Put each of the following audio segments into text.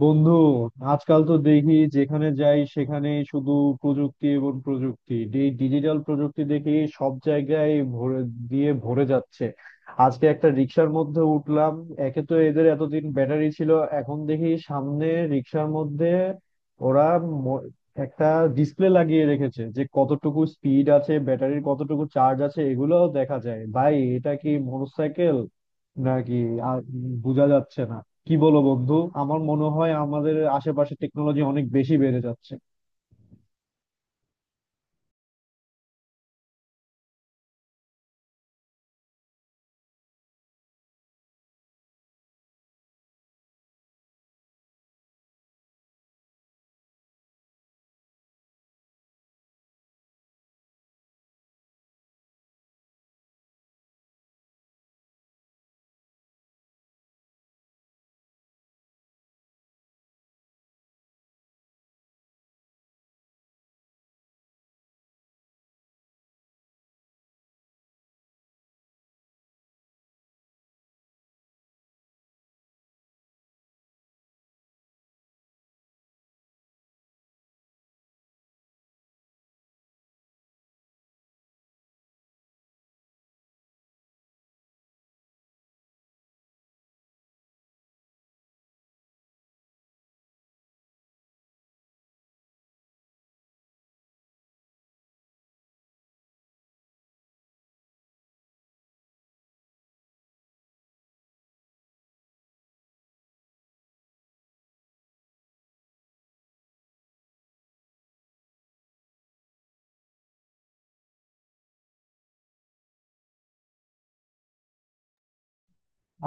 বন্ধু, আজকাল তো দেখি যেখানে যাই সেখানে শুধু প্রযুক্তি এবং প্রযুক্তি। এই ডিজিটাল প্রযুক্তি দেখি সব জায়গায় ভরে যাচ্ছে। আজকে একটা রিক্সার মধ্যে উঠলাম, একে তো এদের এতদিন ব্যাটারি ছিল, এখন দেখি সামনে রিক্সার মধ্যে ওরা ম- একটা ডিসপ্লে লাগিয়ে রেখেছে যে কতটুকু স্পিড আছে, ব্যাটারির কতটুকু চার্জ আছে, এগুলোও দেখা যায়। ভাই, এটা কি মোটরসাইকেল নাকি আর বোঝা যাচ্ছে না। কি বলো বন্ধু? আমার মনে হয় আমাদের আশেপাশে টেকনোলজি অনেক বেশি বেড়ে যাচ্ছে।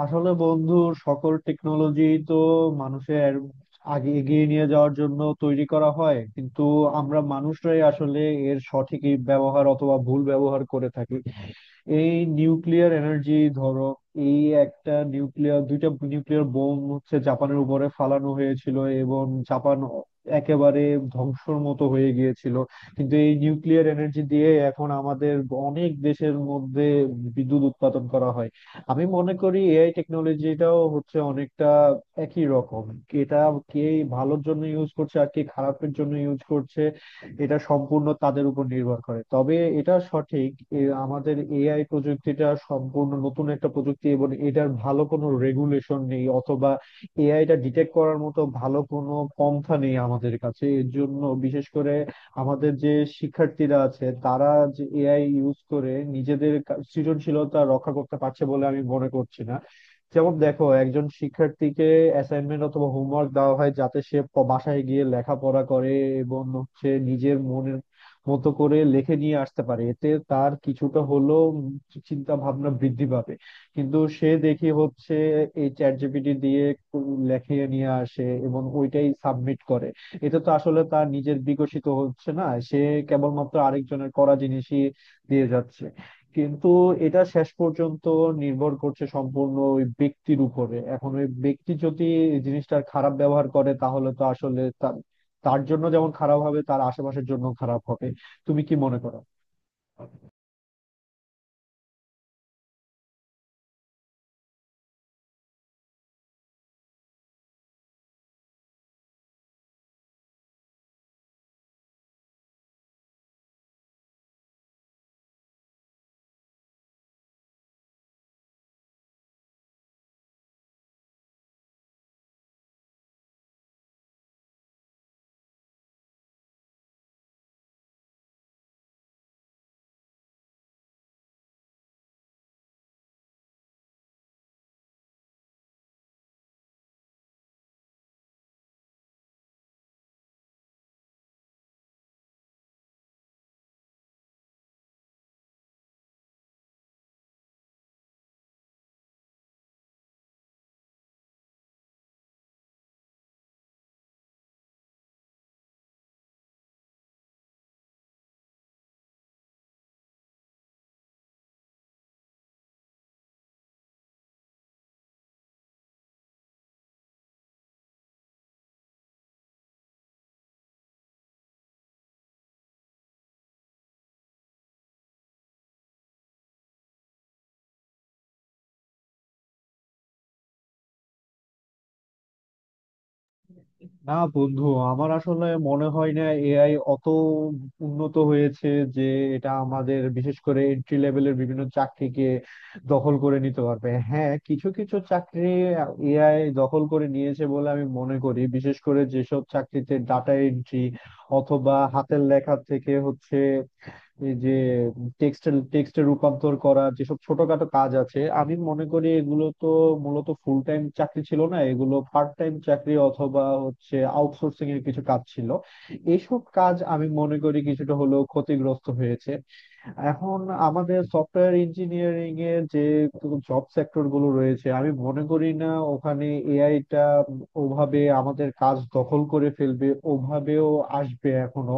আসলে বন্ধু, সকল টেকনোলজি তো মানুষের আগে এগিয়ে নিয়ে যাওয়ার জন্য তৈরি করা হয়, কিন্তু আমরা মানুষরাই আসলে এর সঠিক ব্যবহার অথবা ভুল ব্যবহার করে থাকি। এই নিউক্লিয়ার এনার্জি, ধরো এই একটা নিউক্লিয়ার দুইটা নিউক্লিয়ার বোম হচ্ছে জাপানের উপরে ফালানো হয়েছিল এবং জাপান একেবারে ধ্বংসর মতো হয়ে গিয়েছিল। কিন্তু এই নিউক্লিয়ার এনার্জি দিয়ে এখন আমাদের অনেক দেশের মধ্যে বিদ্যুৎ উৎপাদন করা হয়। আমি মনে করি এআই টেকনোলজিটাও হচ্ছে অনেকটা একই রকম। এটা কে ভালোর জন্য ইউজ করছে আর কে খারাপের জন্য ইউজ করছে, এটা সম্পূর্ণ তাদের উপর নির্ভর করে। তবে এটা সঠিক এ আমাদের এআই প্রযুক্তিটা সম্পূর্ণ নতুন একটা প্রযুক্তি এবং এটার ভালো কোনো রেগুলেশন নেই, অথবা এআইটা ডিটেক্ট করার মতো ভালো কোনো পন্থা নেই আমাদের কাছে। এর জন্য বিশেষ করে আমাদের যে শিক্ষার্থীরা আছে তারা যে এআই ইউজ করে নিজেদের সৃজনশীলতা রক্ষা করতে পারছে বলে আমি মনে করছি না। যেমন দেখো, একজন শিক্ষার্থীকে অ্যাসাইনমেন্ট অথবা হোমওয়ার্ক দেওয়া হয় যাতে সে বাসায় গিয়ে লেখাপড়া করে এবং হচ্ছে নিজের মনের মতো করে লেখে নিয়ে আসতে পারে, এতে তার কিছুটা হলেও চিন্তা ভাবনা বৃদ্ধি পাবে। কিন্তু সে দেখি হচ্ছে এই চ্যাট জিপিটি দিয়ে লেখে নিয়ে আসে এবং ওইটাই সাবমিট করে, এতে তো আসলে তার নিজের বিকশিত হচ্ছে না, সে কেবলমাত্র আরেকজনের করা জিনিসই দিয়ে যাচ্ছে। কিন্তু এটা শেষ পর্যন্ত নির্ভর করছে সম্পূর্ণ ওই ব্যক্তির উপরে। এখন ওই ব্যক্তি যদি এই জিনিসটার খারাপ ব্যবহার করে তাহলে তো আসলে তার তার জন্য যেমন খারাপ হবে, তার আশেপাশের জন্য খারাপ হবে। তুমি কি মনে করো? না বন্ধু, আমার আসলে মনে হয় না এআই অত উন্নত হয়েছে যে এটা আমাদের বিশেষ করে এন্ট্রি লেভেলের বিভিন্ন চাকরিকে দখল করে নিতে পারবে। হ্যাঁ, কিছু কিছু চাকরি এআই দখল করে নিয়েছে বলে আমি মনে করি, বিশেষ করে যেসব চাকরিতে ডাটা এন্ট্রি অথবা হাতের লেখা থেকে হচ্ছে এই যে টেক্সটের টেক্সটে রূপান্তর করা, যেসব ছোটখাটো কাজ আছে, আমি মনে করি এগুলো তো মূলত ফুল টাইম চাকরি ছিল না, এগুলো পার্ট টাইম চাকরি অথবা হচ্ছে আউটসোর্সিং এর কিছু কাজ ছিল। এইসব কাজ আমি মনে করি কিছুটা হলেও ক্ষতিগ্রস্ত হয়েছে। এখন আমাদের সফটওয়্যার ইঞ্জিনিয়ারিং এর যে জব সেক্টর গুলো রয়েছে, আমি মনে করি না ওখানে এআই টা ওভাবে আমাদের কাজ দখল করে ফেলবে, ওভাবেও আসবে এখনো।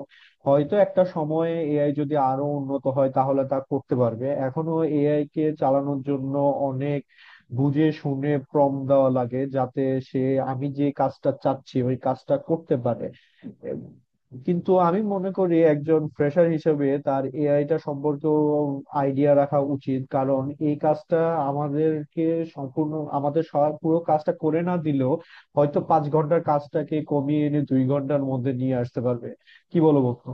হয়তো একটা সময়ে এআই যদি আরো উন্নত হয় তাহলে তা করতে পারবে, এখনো এআই কে চালানোর জন্য অনেক বুঝে শুনে প্রম্পট দেওয়া লাগে যাতে সে আমি যে কাজটা চাচ্ছি ওই কাজটা করতে পারে। কিন্তু আমি মনে করি একজন ফ্রেশার হিসেবে তার এআইটা সম্পর্কেও আইডিয়া রাখা উচিত, কারণ এই কাজটা আমাদেরকে সম্পূর্ণ আমাদের সব পুরো কাজটা করে না দিলেও হয়তো 5 ঘন্টার কাজটাকে কমিয়ে এনে 2 ঘন্টার মধ্যে নিয়ে আসতে পারবে। কি বলো বন্ধু?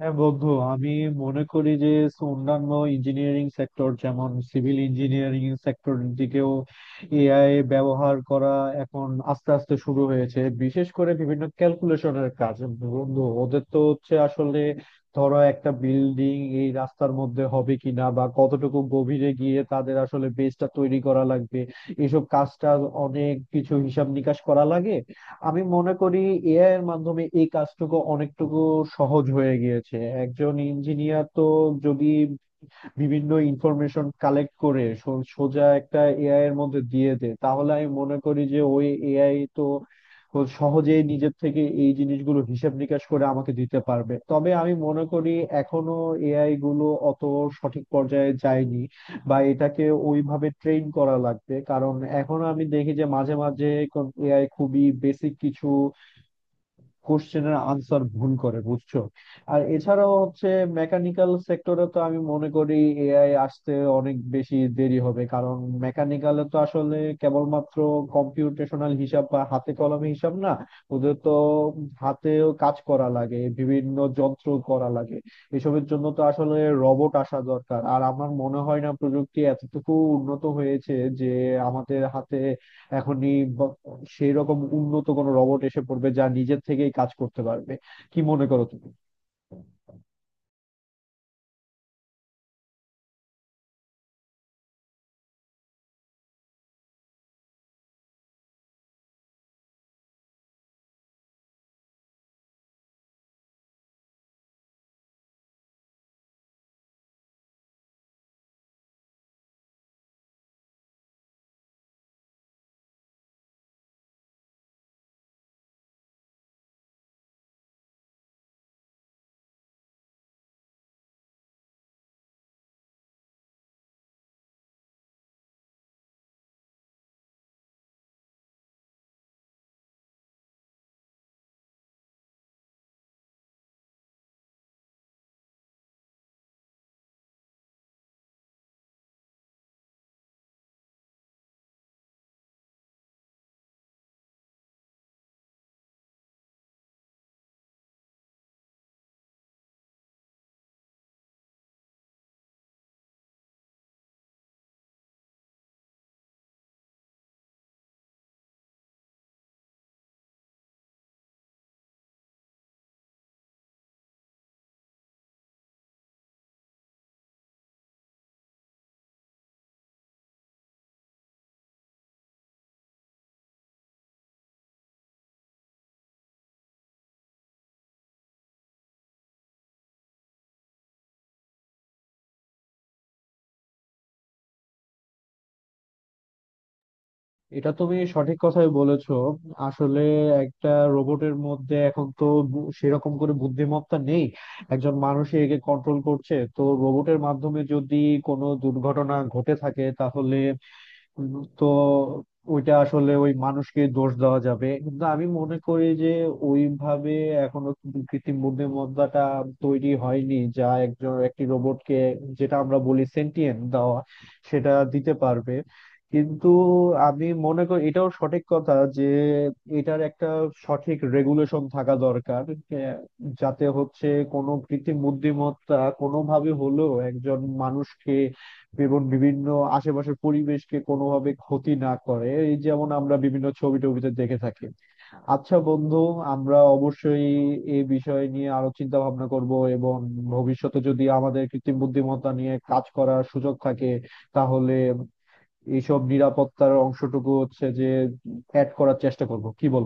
হ্যাঁ বন্ধু, আমি মনে করি যে অন্যান্য ইঞ্জিনিয়ারিং সেক্টর, যেমন সিভিল ইঞ্জিনিয়ারিং সেক্টর দিকেও এআই ব্যবহার করা এখন আস্তে আস্তে শুরু হয়েছে, বিশেষ করে বিভিন্ন ক্যালকুলেশনের কাজ। বন্ধু, ওদের তো হচ্ছে আসলে, ধরো একটা বিল্ডিং এই রাস্তার মধ্যে হবে কিনা বা কতটুকু গভীরে গিয়ে তাদের আসলে বেসটা তৈরি করা লাগবে, এসব কাজটা অনেক কিছু হিসাব নিকাশ করা লাগে। আমি মনে করি এআই এর মাধ্যমে এই কাজটুকু অনেকটুকু সহজ হয়ে গিয়েছে। একজন ইঞ্জিনিয়ার তো যদি বিভিন্ন ইনফরমেশন কালেক্ট করে সোজা একটা এআই এর মধ্যে দিয়ে দে, তাহলে আমি মনে করি যে ওই এআই তো ও সহজেই নিজের থেকে এই জিনিসগুলো হিসাব নিকাশ করে আমাকে দিতে পারবে। তবে আমি মনে করি এখনো এআই গুলো অত সঠিক পর্যায়ে যায়নি বা এটাকে ওইভাবে ট্রেন করা লাগবে, কারণ এখন আমি দেখি যে মাঝে মাঝে এআই খুবই বেসিক কিছু কোশ্চেনের আনসার ভুল করে, বুঝছো? আর এছাড়াও হচ্ছে মেকানিক্যাল সেক্টরে তো আমি মনে করি এআই আসতে অনেক বেশি দেরি হবে, কারণ মেকানিক্যালে তো আসলে কেবলমাত্র কম্পিউটেশনাল হিসাব বা হাতে কলমে হিসাব না, ওদের তো হাতেও কাজ করা লাগে, বিভিন্ন যন্ত্র করা লাগে। এসবের জন্য তো আসলে রোবট আসা দরকার, আর আমার মনে হয় না প্রযুক্তি এতটুকু উন্নত হয়েছে যে আমাদের হাতে এখনই সেই রকম উন্নত কোনো রোবট এসে পড়বে যা নিজের থেকেই কাজ করতে পারবে। কি মনে করো তুমি? এটা তুমি সঠিক কথাই বলেছো। আসলে একটা রোবটের মধ্যে এখন তো সেরকম করে বুদ্ধিমত্তা নেই, একজন মানুষই একে কন্ট্রোল করছে। তো রোবটের মাধ্যমে যদি কোনো দুর্ঘটনা ঘটে থাকে তাহলে তো ওইটা আসলে ওই মানুষকে দোষ দেওয়া যাবে। কিন্তু আমি মনে করি যে ওইভাবে এখনো কিন্তু কৃত্রিম বুদ্ধিমত্তাটা তৈরি হয়নি যা একজন একটি রোবটকে, যেটা আমরা বলি সেন্টিয়েন্ট দেওয়া, সেটা দিতে পারবে। কিন্তু আমি মনে করি এটাও সঠিক কথা যে এটার একটা সঠিক রেগুলেশন থাকা দরকার, যাতে হচ্ছে কোনো কৃত্রিম বুদ্ধিমত্তা কোনোভাবে হলেও একজন মানুষকে এবং বিভিন্ন আশেপাশের পরিবেশকে কোনোভাবে ক্ষতি না করে, এই যেমন আমরা বিভিন্ন ছবি টবিতে দেখে থাকি। আচ্ছা বন্ধু, আমরা অবশ্যই এই বিষয় নিয়ে আরো চিন্তা ভাবনা করব এবং ভবিষ্যতে যদি আমাদের কৃত্রিম বুদ্ধিমত্তা নিয়ে কাজ করার সুযোগ থাকে তাহলে এইসব নিরাপত্তার অংশটুকু হচ্ছে যে অ্যাড করার চেষ্টা করব। কি বল?